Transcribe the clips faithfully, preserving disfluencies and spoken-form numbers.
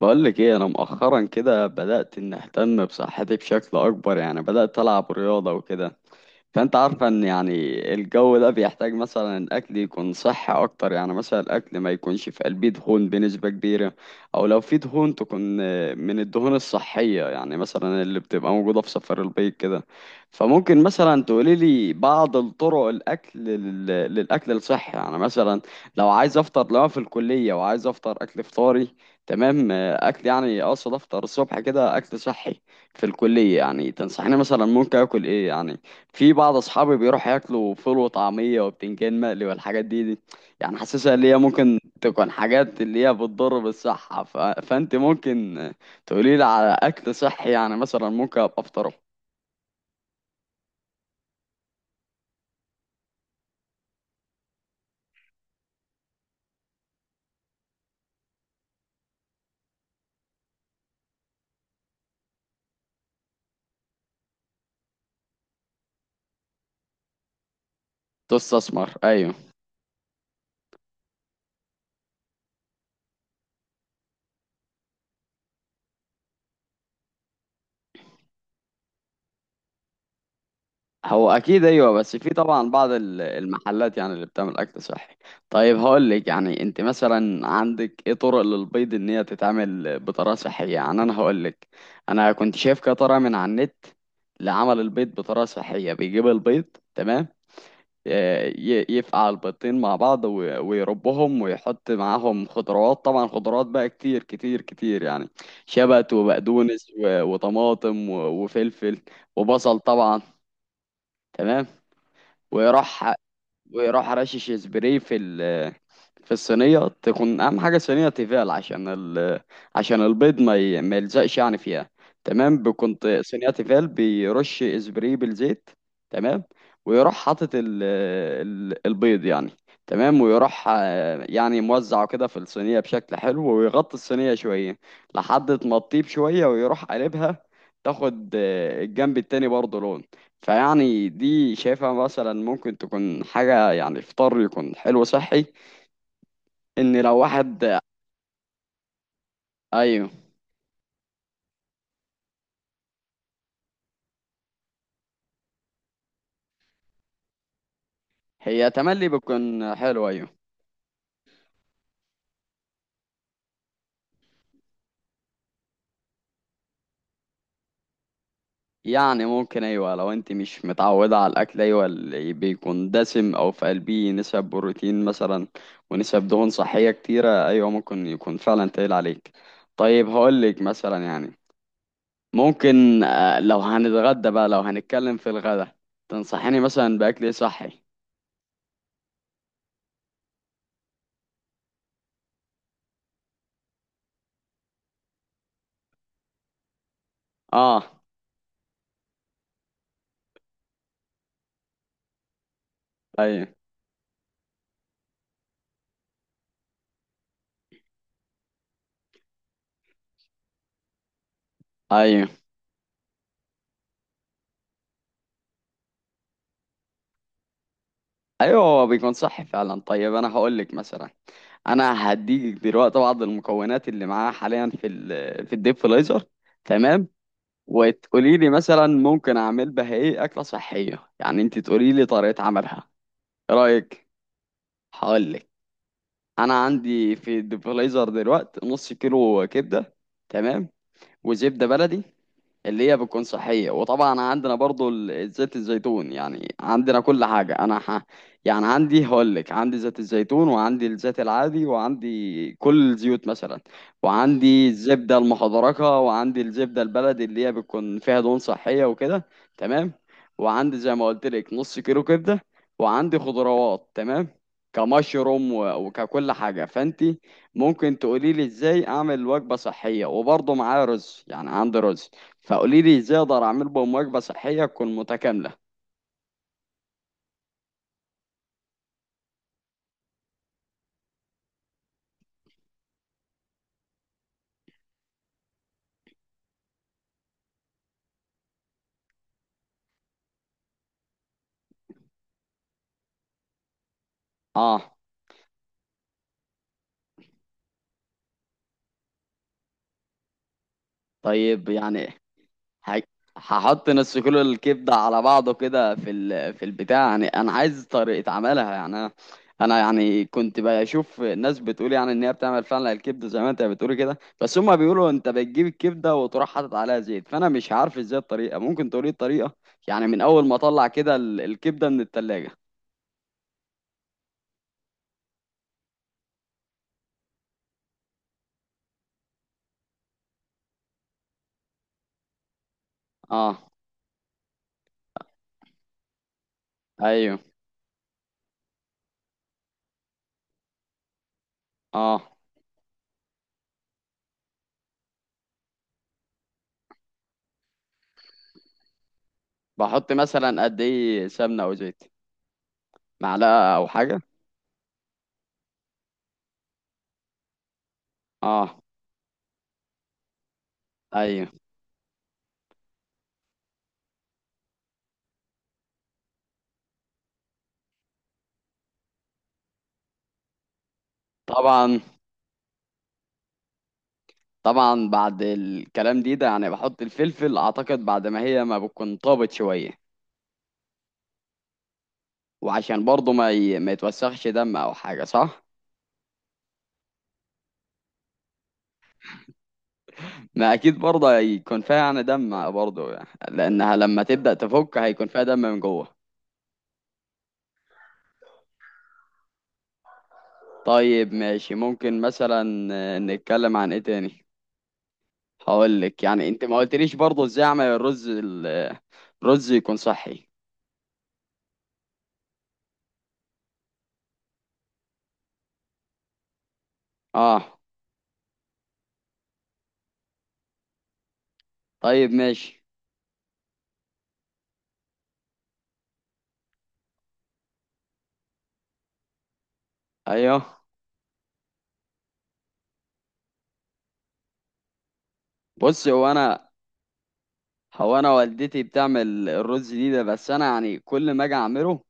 بقولك ايه، انا مؤخرا كده بدأت ان اهتم بصحتي بشكل اكبر. يعني بدأت العب رياضة وكده. فانت عارفة ان يعني، الجو ده بيحتاج مثلا الاكل يكون صحي اكتر. يعني مثلا الاكل ما يكونش في قلبيه دهون بنسبة كبيرة، او لو في دهون تكون آه، من الدهون الصحية، يعني مثلا اللي بتبقى موجودة في صفار البيض كده. فممكن مثلا تقولي لي بعض الطرق الاكل لل- للاكل الصحي، يعني مثلا لو عايز افطر لو أنا في الكلية وعايز افطر اكل فطاري. تمام. آه، اكل، يعني اقصد افطر الصبح كده اكل صحي في الكلية. يعني تنصحني مثلا ممكن اكل ايه يعني؟ في بعض اصحابي بيروحوا ياكلوا فول وطعميه وبتنجان مقلي والحاجات دي دي. يعني حاسسها اللي هي ممكن تكون حاجات اللي هي بتضر بالصحه، ف... فانت ممكن تقولي لي على اكل صحي، يعني مثلا ممكن ابقى افطره. تستثمر، ايوه. هو اكيد ايوه، بس في طبعا بعض ال- المحلات يعني اللي بتعمل اكل صحي. طيب، هقول لك، يعني انت مثلا عندك ايه طرق للبيض ان هي تتعمل بطريقه صحيه؟ يعني انا هقول لك، انا كنت شايف كده طريقه من على النت لعمل البيض بطريقه صحيه. بيجيب البيض، تمام. آه، ي- يفقع البيضتين مع بعض و- ويربهم ويحط معاهم خضروات، طبعا خضروات بقى كتير كتير كتير، يعني شبت وبقدونس و- وطماطم و- وفلفل وبصل طبعا. تمام. وراح وراح رشش سبراي في ال في الصينية، تكون أهم حاجة صينية تيفال، عشان ال عشان البيض ما ي... ما يلزقش يعني فيها. تمام. كنت صينية تيفال بيرش سبراي بالزيت. تمام. ويروح حاطط ال... ال... البيض يعني. تمام. ويروح آه، يعني موزعه كده في الصينية بشكل حلو، ويغطي الصينية شوية لحد ما تطيب شوية، ويروح قلبها، تاخد آه، الجنب التاني برضه لون. فيعني دي شايفها مثلا ممكن تكون حاجة، يعني فطار يكون حلو صحي ان لو واحد. ايوه. هي تملي بتكون حلو، ايوه. يعني ممكن، ايوه لو انت مش متعودة على الاكل، ايوه اللي بيكون دسم او في قلبيه نسب بروتين مثلا، ونسب دهون صحية كتيرة، ايوه ممكن يكون فعلا تقيل عليك. طيب، هقولك مثلا يعني، ممكن آه، لو هنتغدى بقى لو هنتكلم في الغدا، تنصحيني مثلا باكل إيه صحي؟ اه، ايوه، ايوه، ايوه، هو بيكون صح فعلا. طيب، انا هقول لك مثلا، انا هديك دلوقتي بعض المكونات اللي معاها حاليا في ال في الديب فريزر. تمام. وتقولي لي مثلا ممكن اعمل بها ايه اكله صحيه؟ يعني انت تقولي لي طريقه عملها. ايه رايك؟ هقول لك، انا عندي في الديب فريزر دلوقتي نص كيلو كبده. تمام. وزبده بلدي اللي هي بتكون صحية، وطبعا عندنا برضو ال- زيت الزيتون. يعني عندنا كل حاجة، أنا ح... يعني عندي، هقولك عندي زيت الزيتون، وعندي الزيت العادي، وعندي كل الزيوت مثلا، وعندي الزبدة المحضركة، وعندي الزبدة البلدي اللي هي بتكون فيها دهون صحية وكده. تمام. وعندي زي ما قلت لك نص كيلو كبدة، وعندي خضروات. تمام. كمشروم و- وككل حاجة. فأنت ممكن تقولي لي إزاي أعمل وجبة صحية؟ وبرضه معايا رز، يعني عندي رز، فقولي لي ازاي اقدر اعمل بهم وجبه صحيه تكون متكامله. اه. طيب، يعني، ه- هحط نص كيلو الكبده على بعضه كده في ال... في البتاع، يعني انا عايز طريقه عملها. يعني انا، أنا يعني كنت بشوف ناس بتقول يعني ان هي بتعمل فعلا الكبده زي ما انت بتقولي كده، بس هما بيقولوا انت بتجيب الكبده وتروح حاطط عليها زيت. فانا مش عارف ازاي الطريقه، ممكن تقولي الطريقه، يعني من اول ما اطلع كده ال- الكبده من التلاجة. اه، ايوه، اه. بحط مثلا قد ايه سمنه او زيت؟ معلقة أو حاجة؟ اه، أيوه، طبعا، طبعا. بعد الكلام دي ده يعني بحط الفلفل، أعتقد بعد ما هي ما بتكون طابت شوية. وعشان برضه ما ي... ما يتوسخش دم أو حاجة، صح؟ ما أكيد برضه هيكون فيها يعني دم برضه، يعني لأنها لما تبدأ تفك هيكون فيها دم من جوه. طيب، ماشي. ممكن مثلا آه، نتكلم عن إيه تاني؟ هقولك، يعني أنت ما قلتليش برضه إزاي أعمل الرز ال... الرز يكون صحي. اه، طيب، ماشي، ايوه. بص هو انا هو انا والدتي بتعمل الرز دي ده، بس انا يعني كل ما اجي اعمله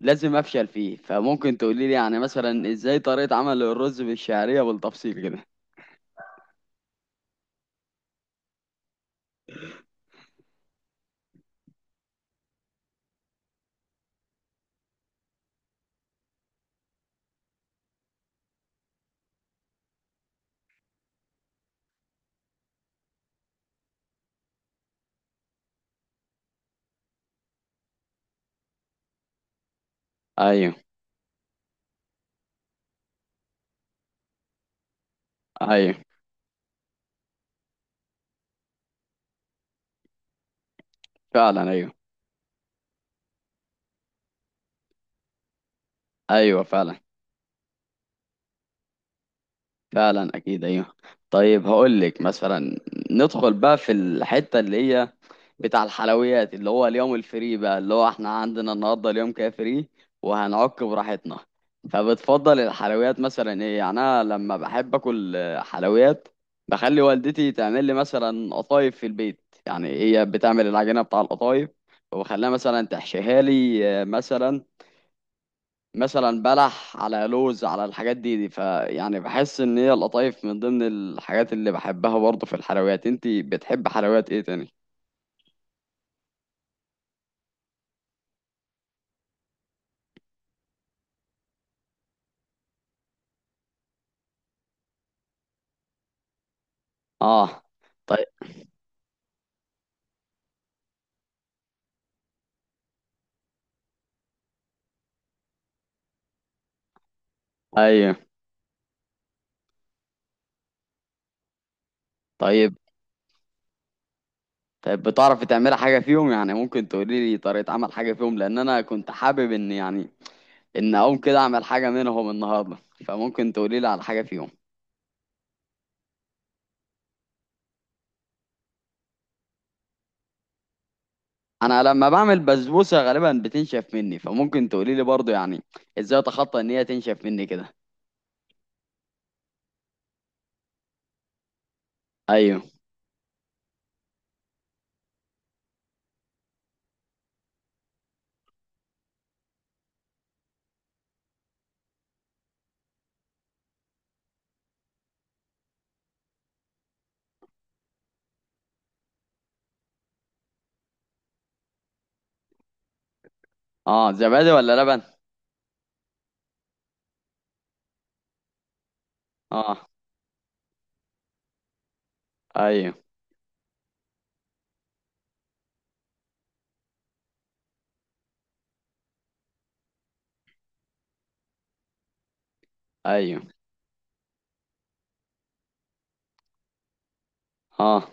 لازم افشل فيه. فممكن تقولي لي يعني مثلا ازاي طريقة عمل الرز بالشعرية بالتفصيل كده؟ ايوه، ايوه، فعلا، ايوه، ايوه، فعلا، فعلا، اكيد ايوه. طيب، هقول لك مثلا، ندخل بقى في الحته اللي هي بتاع الحلويات، اللي هو اليوم الفري بقى، اللي هو احنا عندنا النهارده اليوم كده فري وهنعك براحتنا. فبتفضل الحلويات مثلا ايه؟ يعني انا لما بحب اكل آه، حلويات، بخلي والدتي تعمل لي مثلا قطايف في البيت. يعني هي بتعمل العجينه بتاع القطايف، وبخليها مثلا تحشيها لي آه، مثلا، مثلا بلح، على لوز، على الحاجات دي دي. فيعني بحس ان هي القطايف من ضمن الحاجات اللي بحبها برضه في الحلويات. انتي بتحب حلويات ايه تاني؟ اه، طيب، ايوه، طيب، طيب. بتعرفي تعملي حاجه فيهم؟ يعني ممكن تقولي لي طريقه عمل حاجه فيهم، لان انا كنت حابب ان يعني ان اقوم كده اعمل حاجه منهم النهارده، فممكن تقولي لي على حاجه فيهم. انا لما بعمل بسبوسه غالبا بتنشف مني، فممكن تقولي لي برضه يعني ازاي اتخطى ان هي تنشف مني كده؟ ايوه. اه، زبادي ولا لبن؟ اه، ايوه، ايوه، اه،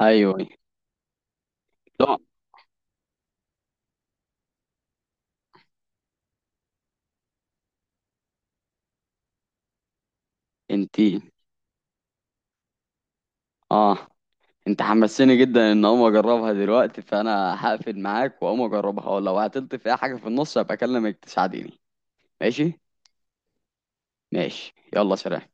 ايوه، أيوة. لا، انتي، اه، انت حمسيني جدا ان اقوم اجربها دلوقتي، فانا هقفل معاك واقوم اجربها، ولو عطلت في اي حاجه في النص هبقى اكلمك تساعديني. ماشي. ماشي، يلا، سلام.